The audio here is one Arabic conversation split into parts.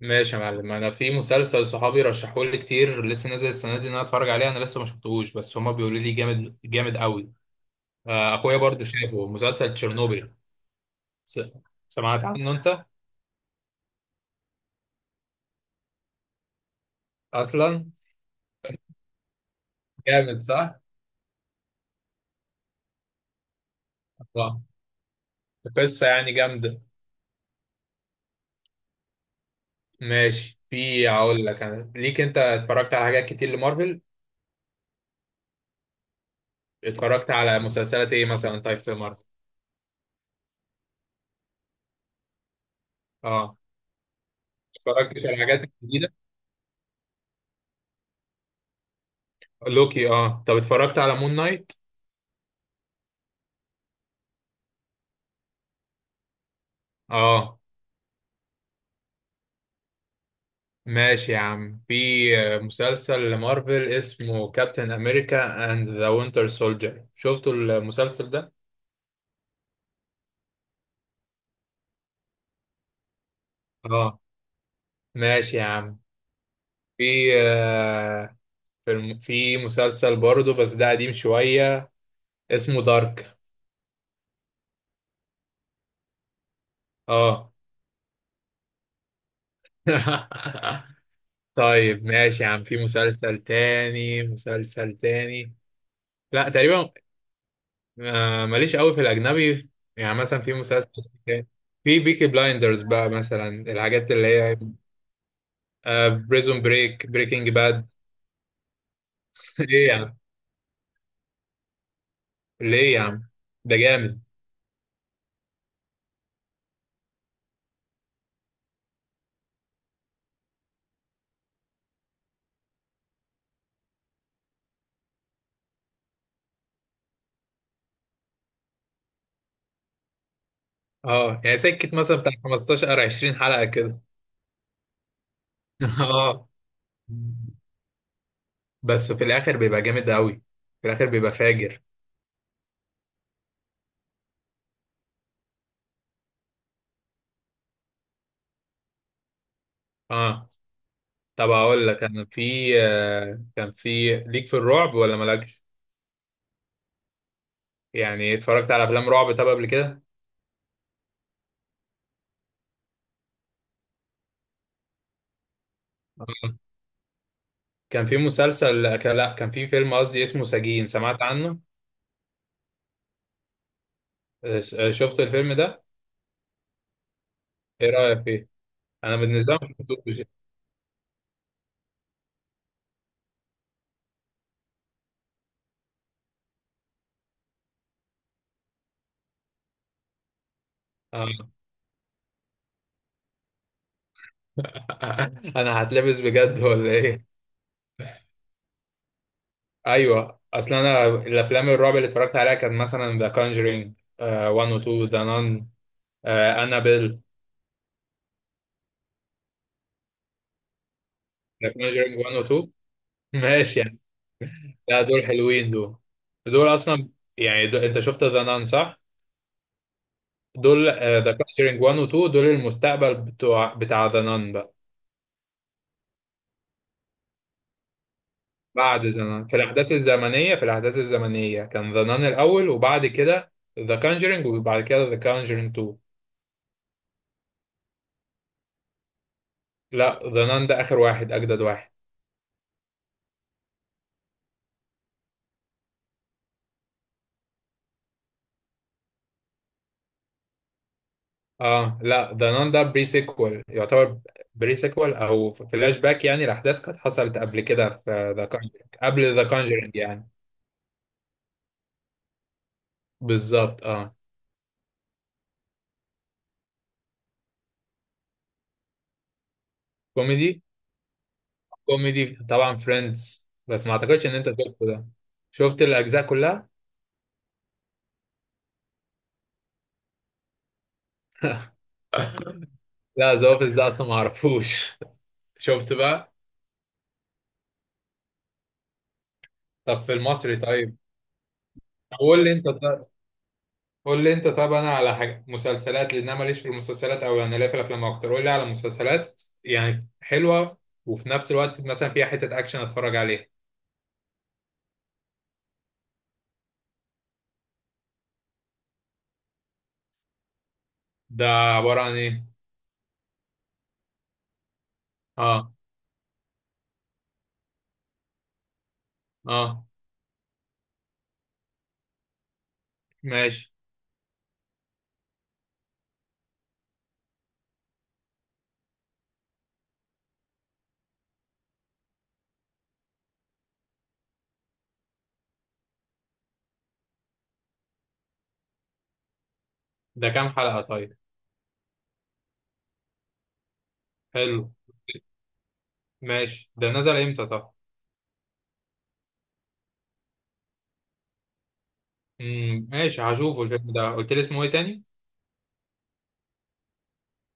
ماشي يا معلم، انا في مسلسل صحابي رشحوه لي كتير لسه نازل السنه دي ان انا اتفرج عليه. انا لسه ما شفتهوش بس هما بيقولوا لي جامد، جامد قوي. اخويا برضو شافه مسلسل تشيرنوبيل. س- سمعت عنه انت؟ اصلا جامد صح. آه. قصه يعني جامده. ماشي، في هقول لك انا ليك. انت اتفرجت على حاجات كتير لمارفل؟ اتفرجت على مسلسلات ايه مثلا؟ طيب في مارفل؟ اه، اتفرجت على الحاجات الجديده. لوكي، اه. طب اتفرجت على مون نايت؟ اه. ماشي يا عم، في مسلسل لمارفل اسمه كابتن امريكا اند ذا وينتر سولجر، شفتوا المسلسل ده؟ اه. ماشي يا عم، في في في مسلسل برضه بس ده قديم شوية اسمه دارك. اه. طيب ماشي يا عم، في مسلسل تاني، مسلسل تاني. لا، تقريبا ماليش قوي في الاجنبي. يعني مثلا في مسلسل تاني. في بيكي بلايندرز بقى مثلا، الحاجات اللي هي آه، بريزون بريك، بريكنج باد. ليه يا عم؟ ليه يا عم؟ ده جامد. اه يعني سكت مثلا بتاع 15 او 20 حلقة كده. اه، بس في الاخر بيبقى جامد قوي، في الاخر بيبقى فاجر. اه، طب اقول لك، انا في آه كان في ليك في الرعب ولا مالكش؟ يعني اتفرجت على افلام رعب طب قبل كده؟ آه. كان في مسلسل آه، لا كان في فيلم قصدي اسمه سجين، سمعت عنه؟ شفت الفيلم ده؟ ايه رأيك فيه؟ انا بالنسبة لي ما شفتوش. آه. انا هتلبس بجد ولا ايه؟ ايوه، اصل انا الافلام الرعب اللي اتفرجت عليها كانت مثلا ذا كونجرينج 1 و 2، ذا نان، انابيل، ذا كونجرينج 1 و 2. ماشي يعني. لا، دول حلوين دول، دول اصلا يعني. دول انت شفت ذا نان صح؟ دول ذا كونجرينج 1 و 2 دول المستقبل بتوع بتاع ذا نان بقى. بعد ذا نان في الاحداث الزمنيه، في الاحداث الزمنيه كان ذا نان الاول وبعد كده ذا كونجرينج وبعد كده ذا كونجرينج. لا، ذا نان ده اخر واحد، اجدد واحد. اه. لا، ذا نان ده بري سيكوال يعتبر، بري سيكوال او فلاش باك يعني لاحداث كانت حصلت قبل كده في ذا كونجرينج، قبل ذا كونجرينج يعني. بالظبط، اه. كوميدي؟ كوميدي طبعا فريندز، بس ما اعتقدش ان انت شفته ده. شفت الاجزاء كلها؟ لا ذا اوفيس ده اصلا ما اعرفوش. شفت بقى. طب في المصري طيب؟ قول لي انت طيب. قول لي انت. طب انا على حاجه مسلسلات، لان انا ماليش في المسلسلات، او يعني لا، في الافلام اكتر. قول لي على مسلسلات يعني حلوه وفي نفس الوقت مثلا فيها حته اكشن اتفرج عليها. ده عباره عن ايه؟ اه. اه. ماشي. ده كام حلقه طيب؟ حلو. ماشي، ده نزل امتى طب؟ امم، ماشي هشوفه. الفيلم ده قلت لي اسمه ايه تاني؟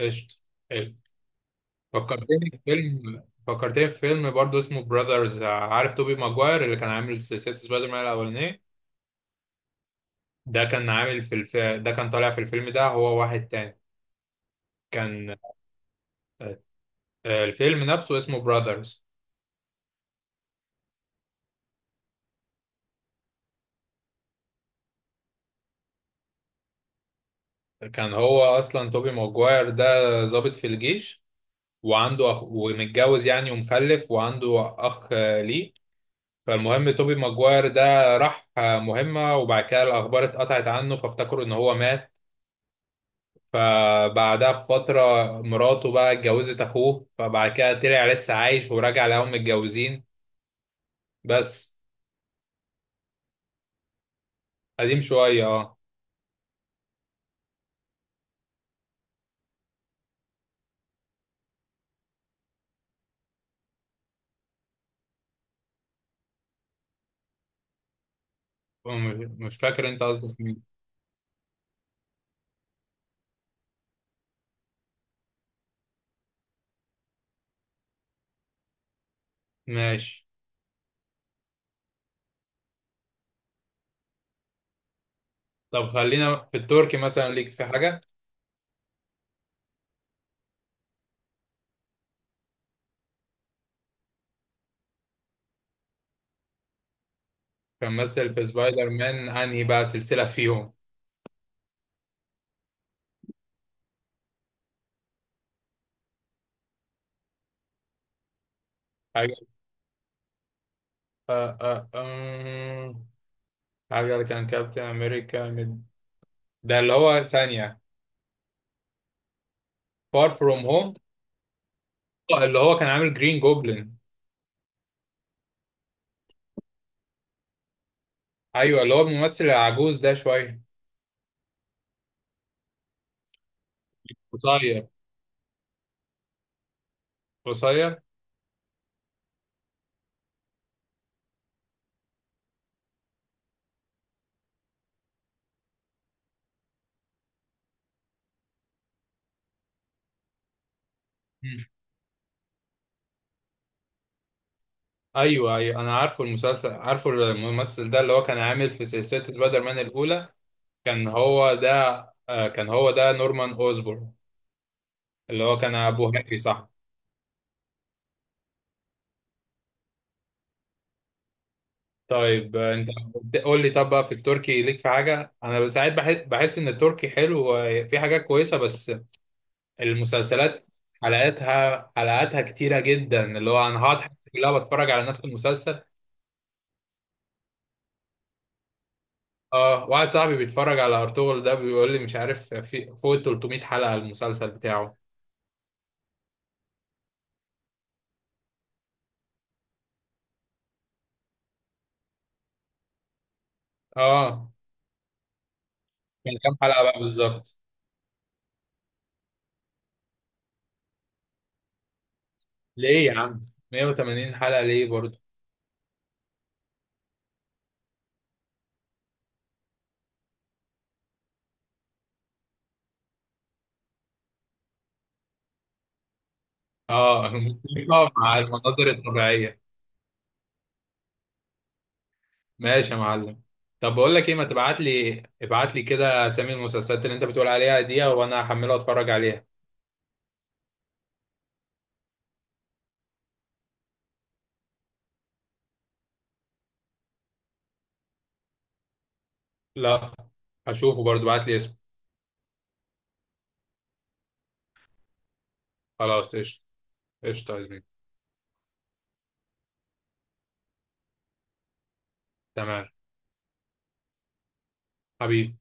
قشطه، حلو. فكرتني في فيلم، فكرتني في فيلم برضه اسمه براذرز. عارف توبي ماجواير اللي كان عامل سلسله سبايدر مان الاولانيه؟ ده كان عامل في الف... ده كان طالع في الفيلم ده هو واحد تاني. كان الفيلم نفسه اسمه براذرز. كان هو اصلا توبي ماجواير ده ضابط في الجيش، وعنده اخ ومتجوز يعني ومخلف، وعنده اخ ليه. فالمهم توبي ماجواير ده راح مهمة، وبعد كده الاخبار اتقطعت عنه، فافتكروا ان هو مات. فبعدها بفترة مراته بقى اتجوزت اخوه، فبعد كده طلع لسه عايش ورجع لقاهم متجوزين. بس. قديم شوية، اه. م- مش فاكر، انت قصدك مين؟ ماشي. طب خلينا في التركي، مثلا ليك في حاجة؟ كان مثل في سبايدر مان، انهي بقى سلسلة فيهم؟ حاجة، آه آه، آم، حاجة اللي كان كابتن امريكا ده اللي هو ثانية. فار فروم هوم. اللي هو كان عامل جرين جوبلin. ايوه، اللي هو الممثل العجوز ده شوية. قصير، قصير. مم. ايوه، ايوه، انا عارفه المسلسل، عارفه الممثل ده، اللي هو كان عامل في سلسلة سبايدر مان الاولى. كان هو ده. آه، كان هو ده نورمان أوزبورن، اللي هو كان أبو هنري صح؟ طيب آه، أنت قول لي. طب بقى في التركي ليك في حاجة؟ أنا ساعات بحس، بحس إن التركي حلو وفي حاجات كويسة، بس المسلسلات حلقاتها، حلقاتها كتيرة جدا، اللي هو أنا هقعد حياتي كلها بتفرج على نفس المسلسل. اه، واحد صاحبي بيتفرج على أرطغرل ده، بيقول لي مش عارف في فوق ال 300 حلقة المسلسل بتاعه. اه. كان كام حلقة بقى بالظبط؟ ليه يا عم؟ 180 حلقة ليه برضه؟ اه. الموسيقى مع المناظر الطبيعية. ماشي يا معلم. طب بقول لك ايه، ما تبعت لي، ابعت لي كده اسامي المسلسلات اللي انت بتقول عليها دي وانا هحمله واتفرج عليها. لا، هشوفه برضو، ابعت لي اسمه. خلاص قشطة. قشطة يا زميلي. تمام. حبيبي.